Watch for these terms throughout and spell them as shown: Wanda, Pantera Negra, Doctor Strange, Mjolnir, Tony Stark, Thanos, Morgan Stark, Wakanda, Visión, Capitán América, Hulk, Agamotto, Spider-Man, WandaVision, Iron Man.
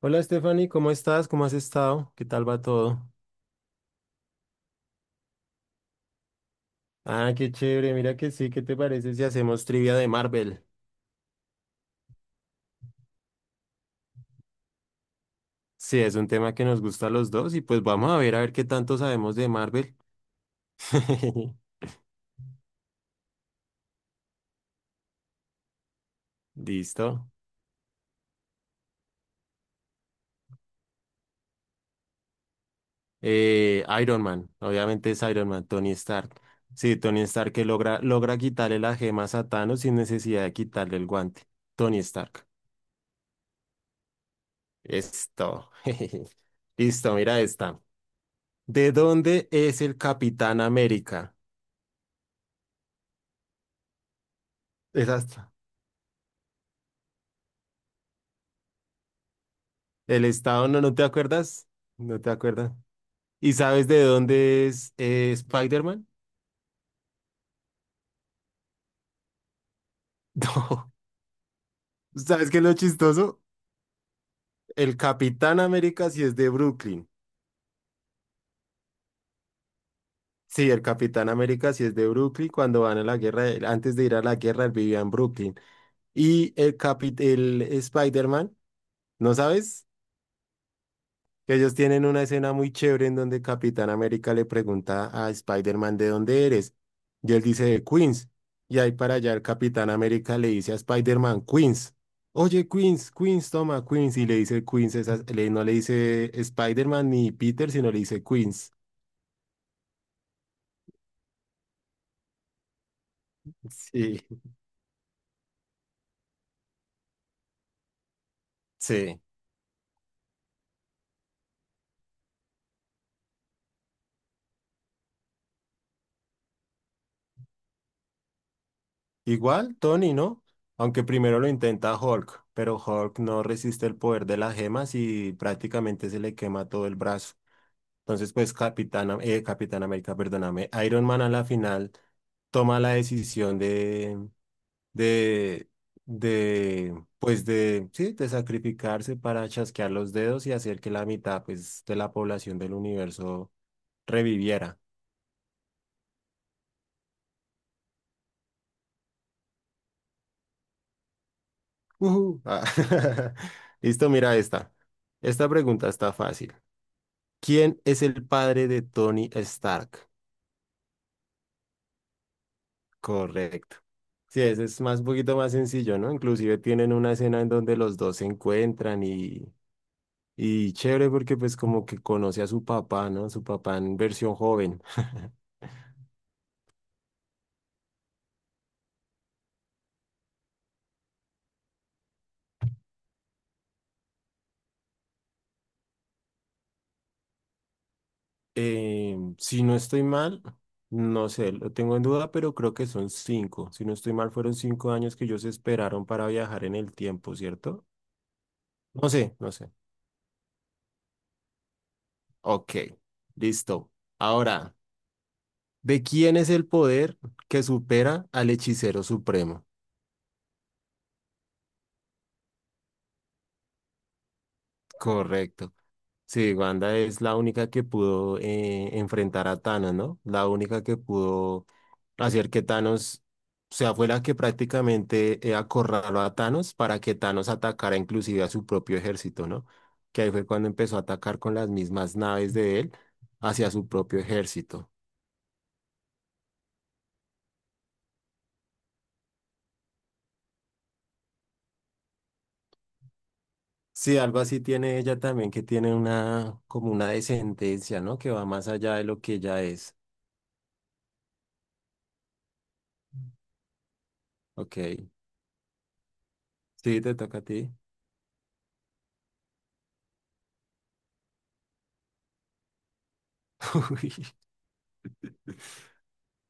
Hola Stephanie, ¿cómo estás? ¿Cómo has estado? ¿Qué tal va todo? Ah, qué chévere, mira que sí, ¿qué te parece si hacemos trivia de Marvel? Sí, es un tema que nos gusta a los dos y pues vamos a ver qué tanto sabemos de Marvel. Listo. Iron Man, obviamente es Iron Man, Tony Stark. Sí, Tony Stark que logra quitarle las gemas a Thanos sin necesidad de quitarle el guante. Tony Stark. Esto. Listo, mira esta. ¿De dónde es el Capitán América? Exacto. El estado, no, ¿no te acuerdas? No te acuerdas. ¿Y sabes de dónde es Spider-Man? No. ¿Sabes qué es lo chistoso? El Capitán América sí es de Brooklyn. Sí, el Capitán América sí es de Brooklyn. Cuando van a la guerra, antes de ir a la guerra, él vivía en Brooklyn. Y el Spider-Man, ¿no sabes? Que ellos tienen una escena muy chévere en donde Capitán América le pregunta a Spider-Man de dónde eres. Y él dice de Queens. Y ahí para allá el Capitán América le dice a Spider-Man, Queens. Oye, Queens, Queens, toma, Queens. Y le dice Queens, no le dice Spider-Man ni Peter, sino le dice Queens. Sí. Sí. Igual, Tony, ¿no? Aunque primero lo intenta Hulk, pero Hulk no resiste el poder de las gemas y prácticamente se le quema todo el brazo. Entonces, pues Capitán América, perdóname, Iron Man a la final toma la decisión de, pues sí, de sacrificarse para chasquear los dedos y hacer que la mitad, pues, de la población del universo reviviera. Ujú. Ah, Listo, mira esta. Esta pregunta está fácil. ¿Quién es el padre de Tony Stark? Correcto. Sí, ese es más un poquito más sencillo, ¿no? Inclusive tienen una escena en donde los dos se encuentran y chévere porque pues como que conoce a su papá, ¿no? Su papá en versión joven. Si no estoy mal, no sé, lo tengo en duda, pero creo que son cinco. Si no estoy mal, fueron 5 años que ellos esperaron para viajar en el tiempo, ¿cierto? No sé, no sé. Ok, listo. Ahora, ¿de quién es el poder que supera al hechicero supremo? Correcto. Sí, Wanda es la única que pudo enfrentar a Thanos, ¿no? La única que pudo hacer que Thanos, o sea, fue la que prácticamente acorraló a Thanos para que Thanos atacara inclusive a su propio ejército, ¿no? Que ahí fue cuando empezó a atacar con las mismas naves de él hacia su propio ejército. Sí, algo así tiene ella también, que tiene una, como una descendencia, ¿no? Que va más allá de lo que ella es. Ok. Sí, te toca a ti.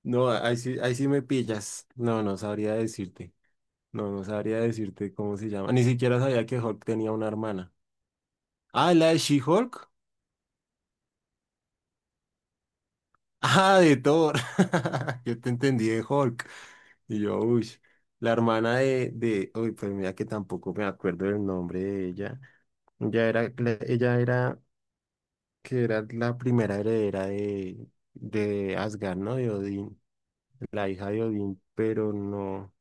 No, ahí sí me pillas. No, no sabría decirte. No, no sabría decirte cómo se llama. Ni siquiera sabía que Hulk tenía una hermana. Ah, la de She-Hulk. Ah, de Thor. Yo te entendí de Hulk. Y yo, uy. La hermana de. Uy, pues mira que tampoco me acuerdo del nombre de ella. Ella era, que era la primera heredera de Asgard, ¿no? De Odín. La hija de Odín, pero no.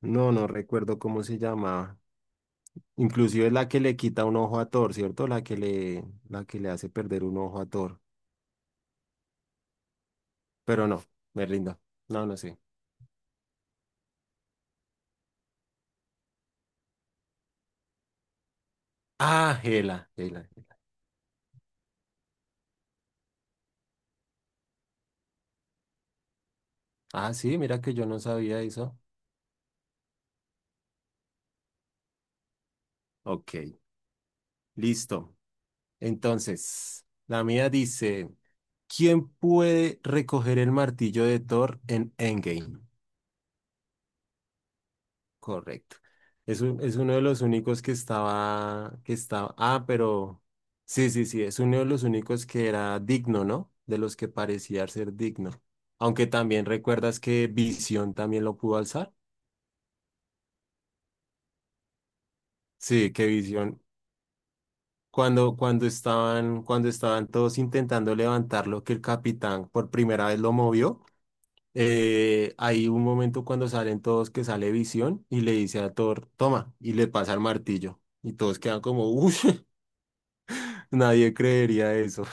No, no recuerdo cómo se llamaba. Inclusive es la que le quita un ojo a Thor, ¿cierto? La que le hace perder un ojo a Thor. Pero no, me rindo. No, no sé. Ah, Hela, Hela. Ah, sí, mira que yo no sabía eso. Ok, listo. Entonces, la mía dice, ¿quién puede recoger el martillo de Thor en Endgame? Correcto. Es uno de los únicos pero sí, sí, sí, es uno de los únicos que era digno, ¿no? De los que parecía ser digno. Aunque también recuerdas que Visión también lo pudo alzar. Sí, que Visión, cuando estaban todos intentando levantarlo, que el capitán por primera vez lo movió, hay un momento cuando salen todos que sale Visión y le dice a Thor, toma, y le pasa el martillo. Y todos quedan como, uff. Nadie creería eso.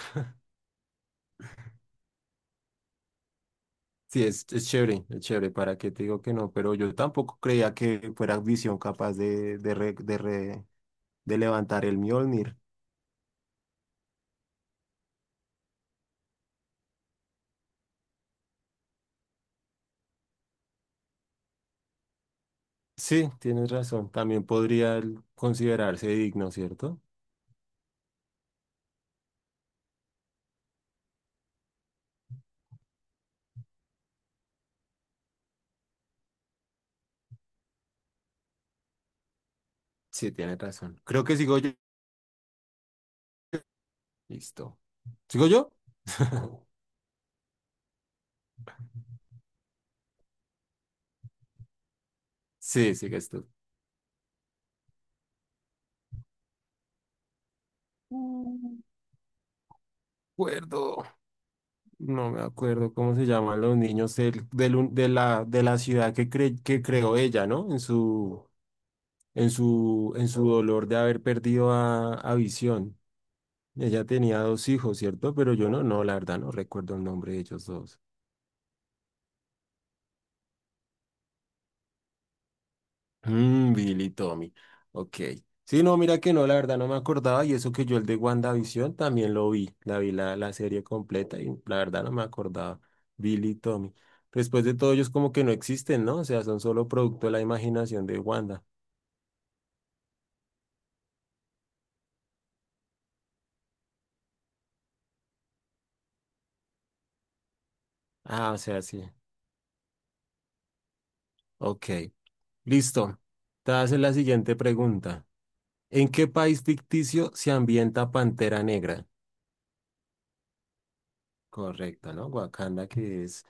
Sí, es chévere, es chévere, ¿para qué te digo que no? Pero yo tampoco creía que fuera Visión capaz de levantar el Mjolnir. Sí, tienes razón, también podría él considerarse digno, ¿cierto? Sí, tienes razón. Creo que sigo yo. Listo. ¿Sigo yo? Sí, sigues tú. Mm, acuerdo. No me acuerdo cómo se llaman los niños del- del un- de la ciudad que creó ella, ¿no? En su dolor de haber perdido a Visión. Ella tenía dos hijos, ¿cierto? Pero yo no, no, la verdad no recuerdo el nombre de ellos dos. Billy y Tommy. Ok. Sí, no, mira que no, la verdad no me acordaba y eso que yo el de WandaVision también lo vi, la vi la serie completa y la verdad no me acordaba. Billy y Tommy. Después de todo ellos como que no existen, ¿no? O sea, son solo producto de la imaginación de Wanda. Ah, o sea, sí. Ok. Listo. Te haces la siguiente pregunta. ¿En qué país ficticio se ambienta Pantera Negra? Correcto, ¿no? Wakanda, que es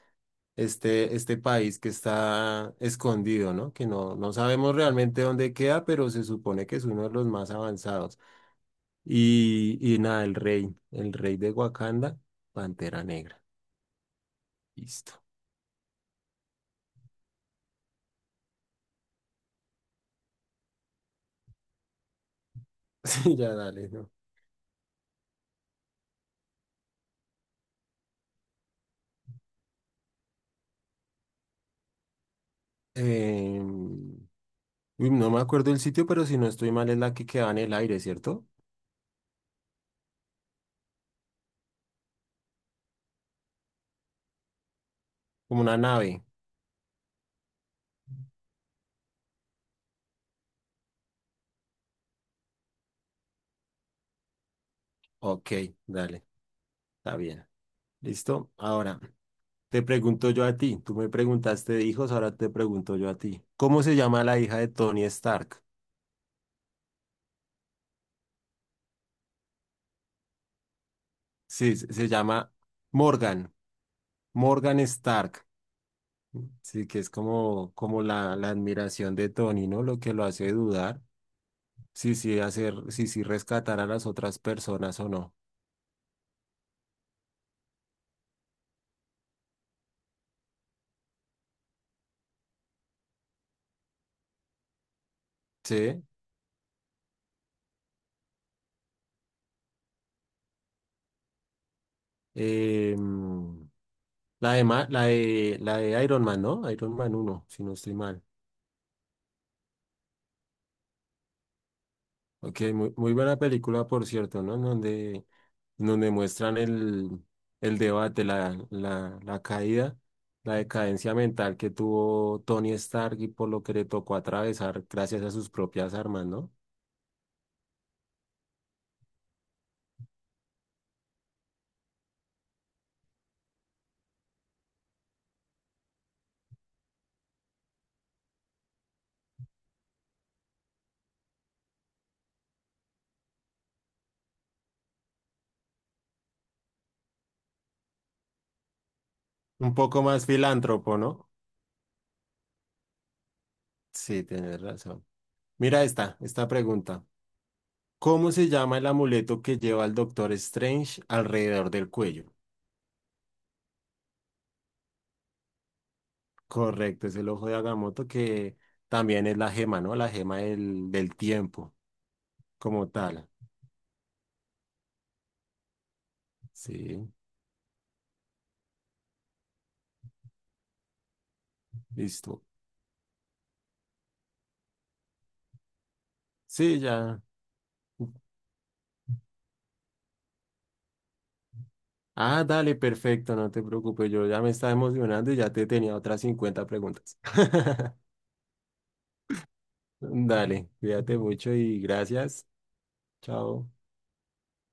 este país que está escondido, ¿no? Que no, no sabemos realmente dónde queda, pero se supone que es uno de los más avanzados. Y nada, el rey de Wakanda, Pantera Negra. Listo. Sí, ya dale, ¿no? Em, uy, no me acuerdo el sitio, pero si no estoy mal es la que queda en el aire, ¿cierto? Como una nave. Ok, dale, está bien. Listo. Ahora. Te pregunto yo a ti, tú me preguntaste de hijos, ahora te pregunto yo a ti. ¿Cómo se llama la hija de Tony Stark? Sí, se llama Morgan, Morgan Stark. Sí, que es como la admiración de Tony, ¿no? Lo que lo hace dudar. Sí, sí, sí, sí, rescatar a las otras personas o no. Sí. Mm, la de, Ma- la de Iron Man, ¿no? Iron Man uno, si no estoy mal. Ok, muy, muy buena película, por cierto, ¿no? En donde muestran el debate, la caída, la decadencia mental que tuvo Tony Stark y por lo que le tocó atravesar gracias a sus propias armas, ¿no? Un poco más filántropo, ¿no? Sí, tienes razón. Mira esta pregunta. ¿Cómo se llama el amuleto que lleva el Doctor Strange alrededor del cuello? Correcto, es el ojo de Agamotto que también es la gema, ¿no? La gema del tiempo. Como tal. Sí, listo. Sí, ya. Ah, dale, perfecto, no te preocupes, yo ya me estaba emocionando y ya te tenía otras 50 preguntas. Dale, cuídate mucho y gracias. Chao.